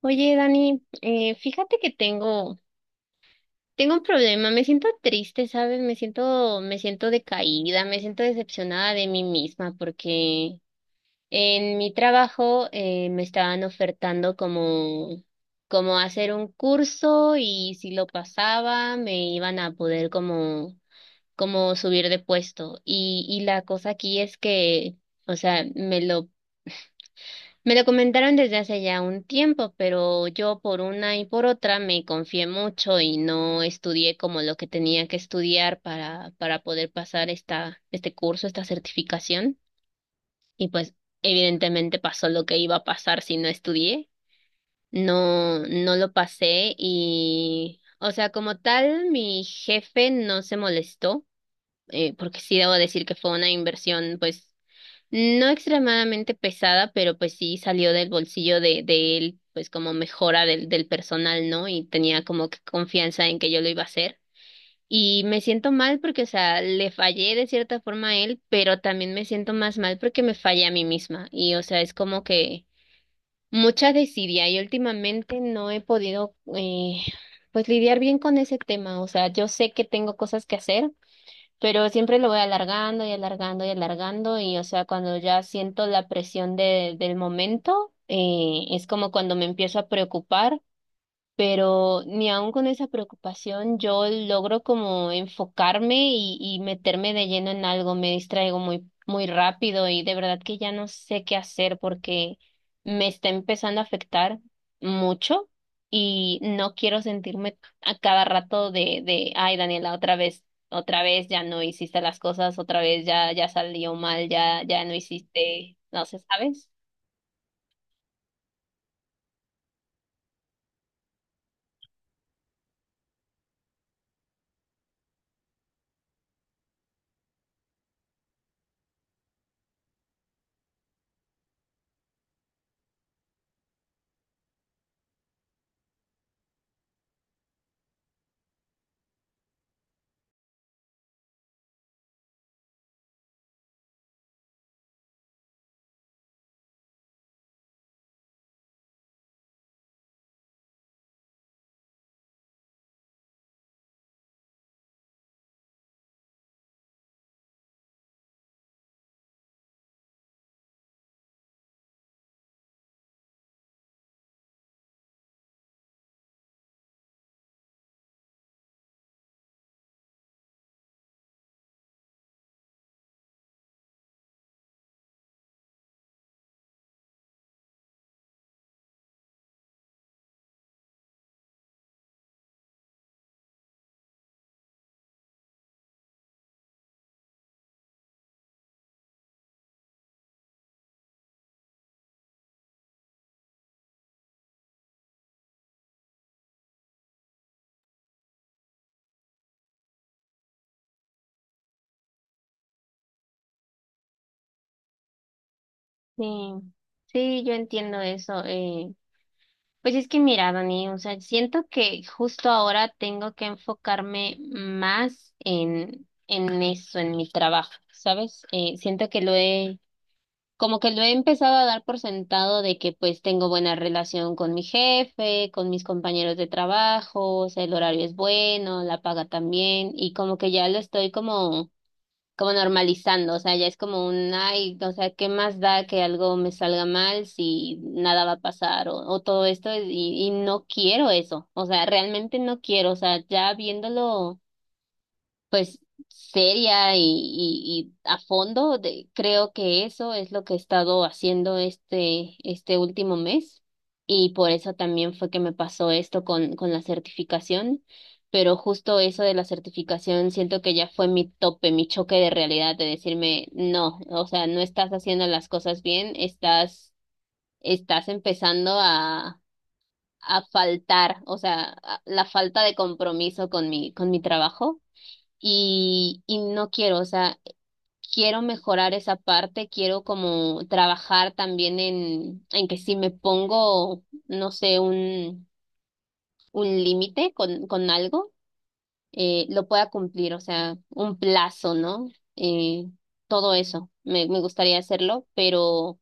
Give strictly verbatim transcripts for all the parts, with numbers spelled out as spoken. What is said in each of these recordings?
Oye, Dani, eh, fíjate que tengo, tengo un problema, me siento triste, ¿sabes? Me siento, me siento decaída, me siento decepcionada de mí misma porque en mi trabajo eh, me estaban ofertando como, como hacer un curso y si lo pasaba me iban a poder como, como subir de puesto. Y, y la cosa aquí es que, o sea, me lo me lo comentaron desde hace ya un tiempo, pero yo por una y por otra me confié mucho y no estudié como lo que tenía que estudiar para, para poder pasar esta, este curso, esta certificación. Y pues evidentemente pasó lo que iba a pasar si no estudié. No, no lo pasé y, o sea, como tal, mi jefe no se molestó, eh, porque sí debo decir que fue una inversión, pues no extremadamente pesada, pero pues sí salió del bolsillo de, de él, pues como mejora del, del personal, ¿no? Y tenía como que confianza en que yo lo iba a hacer. Y me siento mal porque, o sea, le fallé de cierta forma a él, pero también me siento más mal porque me fallé a mí misma. Y, o sea, es como que mucha desidia y últimamente no he podido, eh, pues lidiar bien con ese tema. O sea, yo sé que tengo cosas que hacer pero siempre lo voy alargando y alargando y alargando y o sea, cuando ya siento la presión de, del momento, eh, es como cuando me empiezo a preocupar pero ni aun con esa preocupación yo logro como enfocarme y, y meterme de lleno en algo, me distraigo muy, muy rápido y de verdad que ya no sé qué hacer porque me está empezando a afectar mucho y no quiero sentirme a cada rato de, de, ay, Daniela, otra vez. Otra vez ya no hiciste las cosas, otra vez ya, ya salió mal, ya, ya no hiciste, no sé, ¿sabes? Sí, sí, yo entiendo eso. Eh, Pues es que mira, Dani, o sea, siento que justo ahora tengo que enfocarme más en, en eso, en mi trabajo, ¿sabes? Eh, siento que lo he, como que lo he empezado a dar por sentado de que pues tengo buena relación con mi jefe, con mis compañeros de trabajo, o sea, el horario es bueno, la paga también, y como que ya lo estoy como como normalizando, o sea, ya es como un, ay, o sea, ¿qué más da que algo me salga mal si nada va a pasar o, o todo esto? Y, y no quiero eso, o sea, realmente no quiero, o sea, ya viéndolo pues seria y, y, y a fondo. De, creo que eso es lo que he estado haciendo este, este último mes y por eso también fue que me pasó esto con, con la certificación. Pero justo eso de la certificación siento que ya fue mi tope, mi choque de realidad, de decirme, no, o sea, no estás haciendo las cosas bien, estás, estás empezando a, a faltar, o sea, a- la falta de compromiso con mi, con mi trabajo y, y no quiero, o sea, quiero mejorar esa parte, quiero como trabajar también en, en que si me pongo, no sé, un, un límite con, con algo, eh, lo pueda cumplir, o sea, un plazo, ¿no? Eh, todo eso, me, me gustaría hacerlo, pero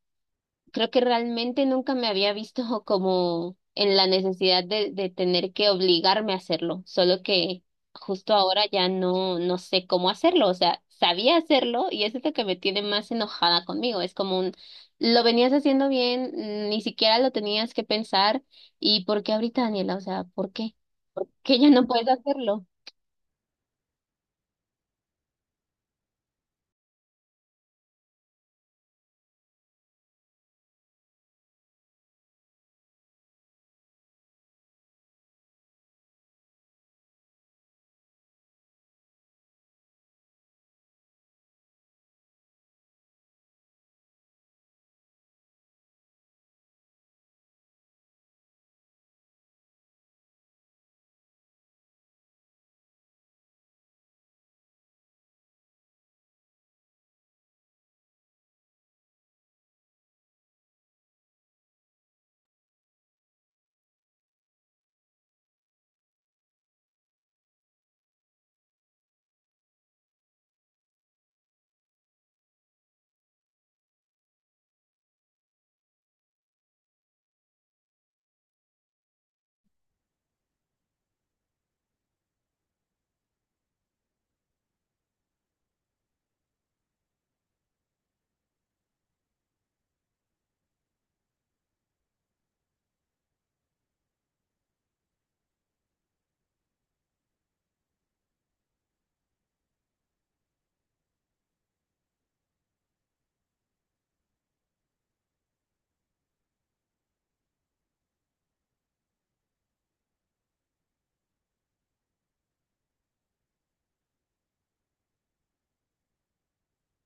creo que realmente nunca me había visto como en la necesidad de, de tener que obligarme a hacerlo, solo que justo ahora ya no, no sé cómo hacerlo, o sea, sabía hacerlo y eso es lo que me tiene más enojada conmigo, es como un, lo venías haciendo bien, ni siquiera lo tenías que pensar, ¿y por qué ahorita, Daniela? O sea, ¿por qué? Que ya no puedes hacerlo.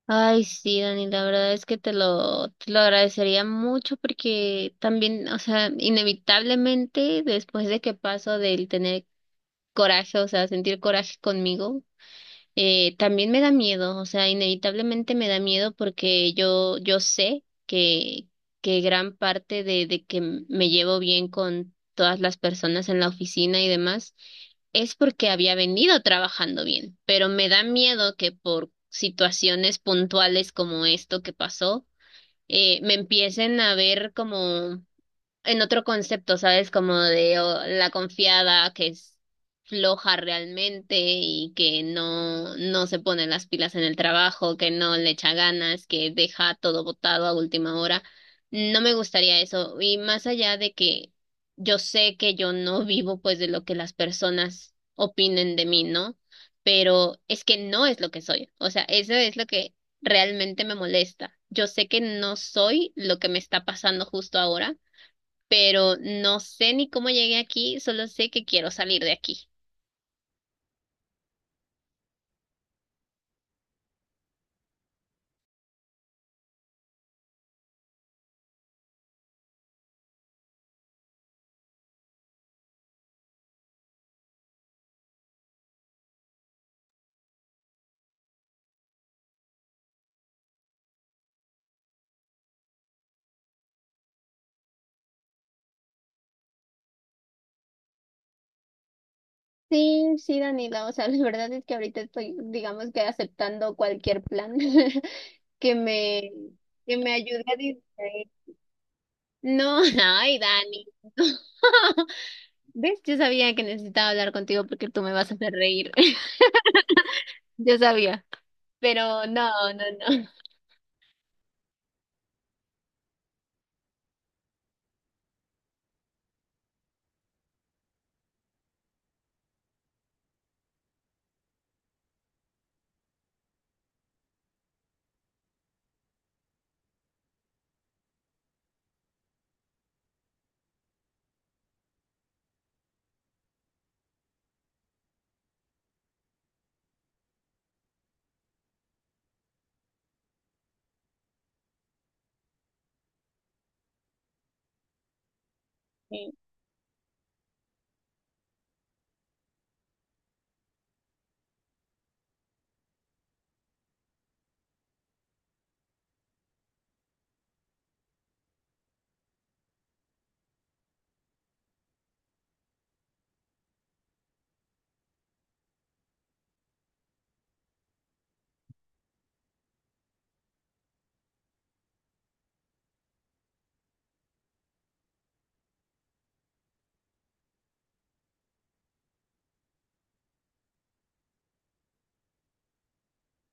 Ay, sí, Dani, la verdad es que te lo, te lo agradecería mucho porque también, o sea, inevitablemente después de que paso del tener coraje, o sea, sentir coraje conmigo, eh, también me da miedo, o sea, inevitablemente me da miedo porque yo, yo sé que, que gran parte de, de que m- me llevo bien con todas las personas en la oficina y demás es porque había venido trabajando bien, pero me da miedo que por situaciones puntuales como esto que pasó, eh, me empiecen a ver como en otro concepto, ¿sabes? Como de oh, la confiada que es floja realmente y que no, no se pone las pilas en el trabajo, que no le echa ganas, que deja todo botado a última hora. No me gustaría eso. Y más allá de que yo sé que yo no vivo pues de lo que las personas opinen de mí, ¿no? Pero es que no es lo que soy. O sea, eso es lo que realmente me molesta. Yo sé que no soy lo que me está pasando justo ahora pero no sé ni cómo llegué aquí, solo sé que quiero salir de aquí. Sí, sí, Daniela, o sea, la verdad es que ahorita estoy, digamos que aceptando cualquier plan que me, que me ayude a distraer. No, ay, Dani. ¿Ves? Yo sabía que necesitaba hablar contigo porque tú me vas a hacer reír. Yo sabía, pero no, no, no.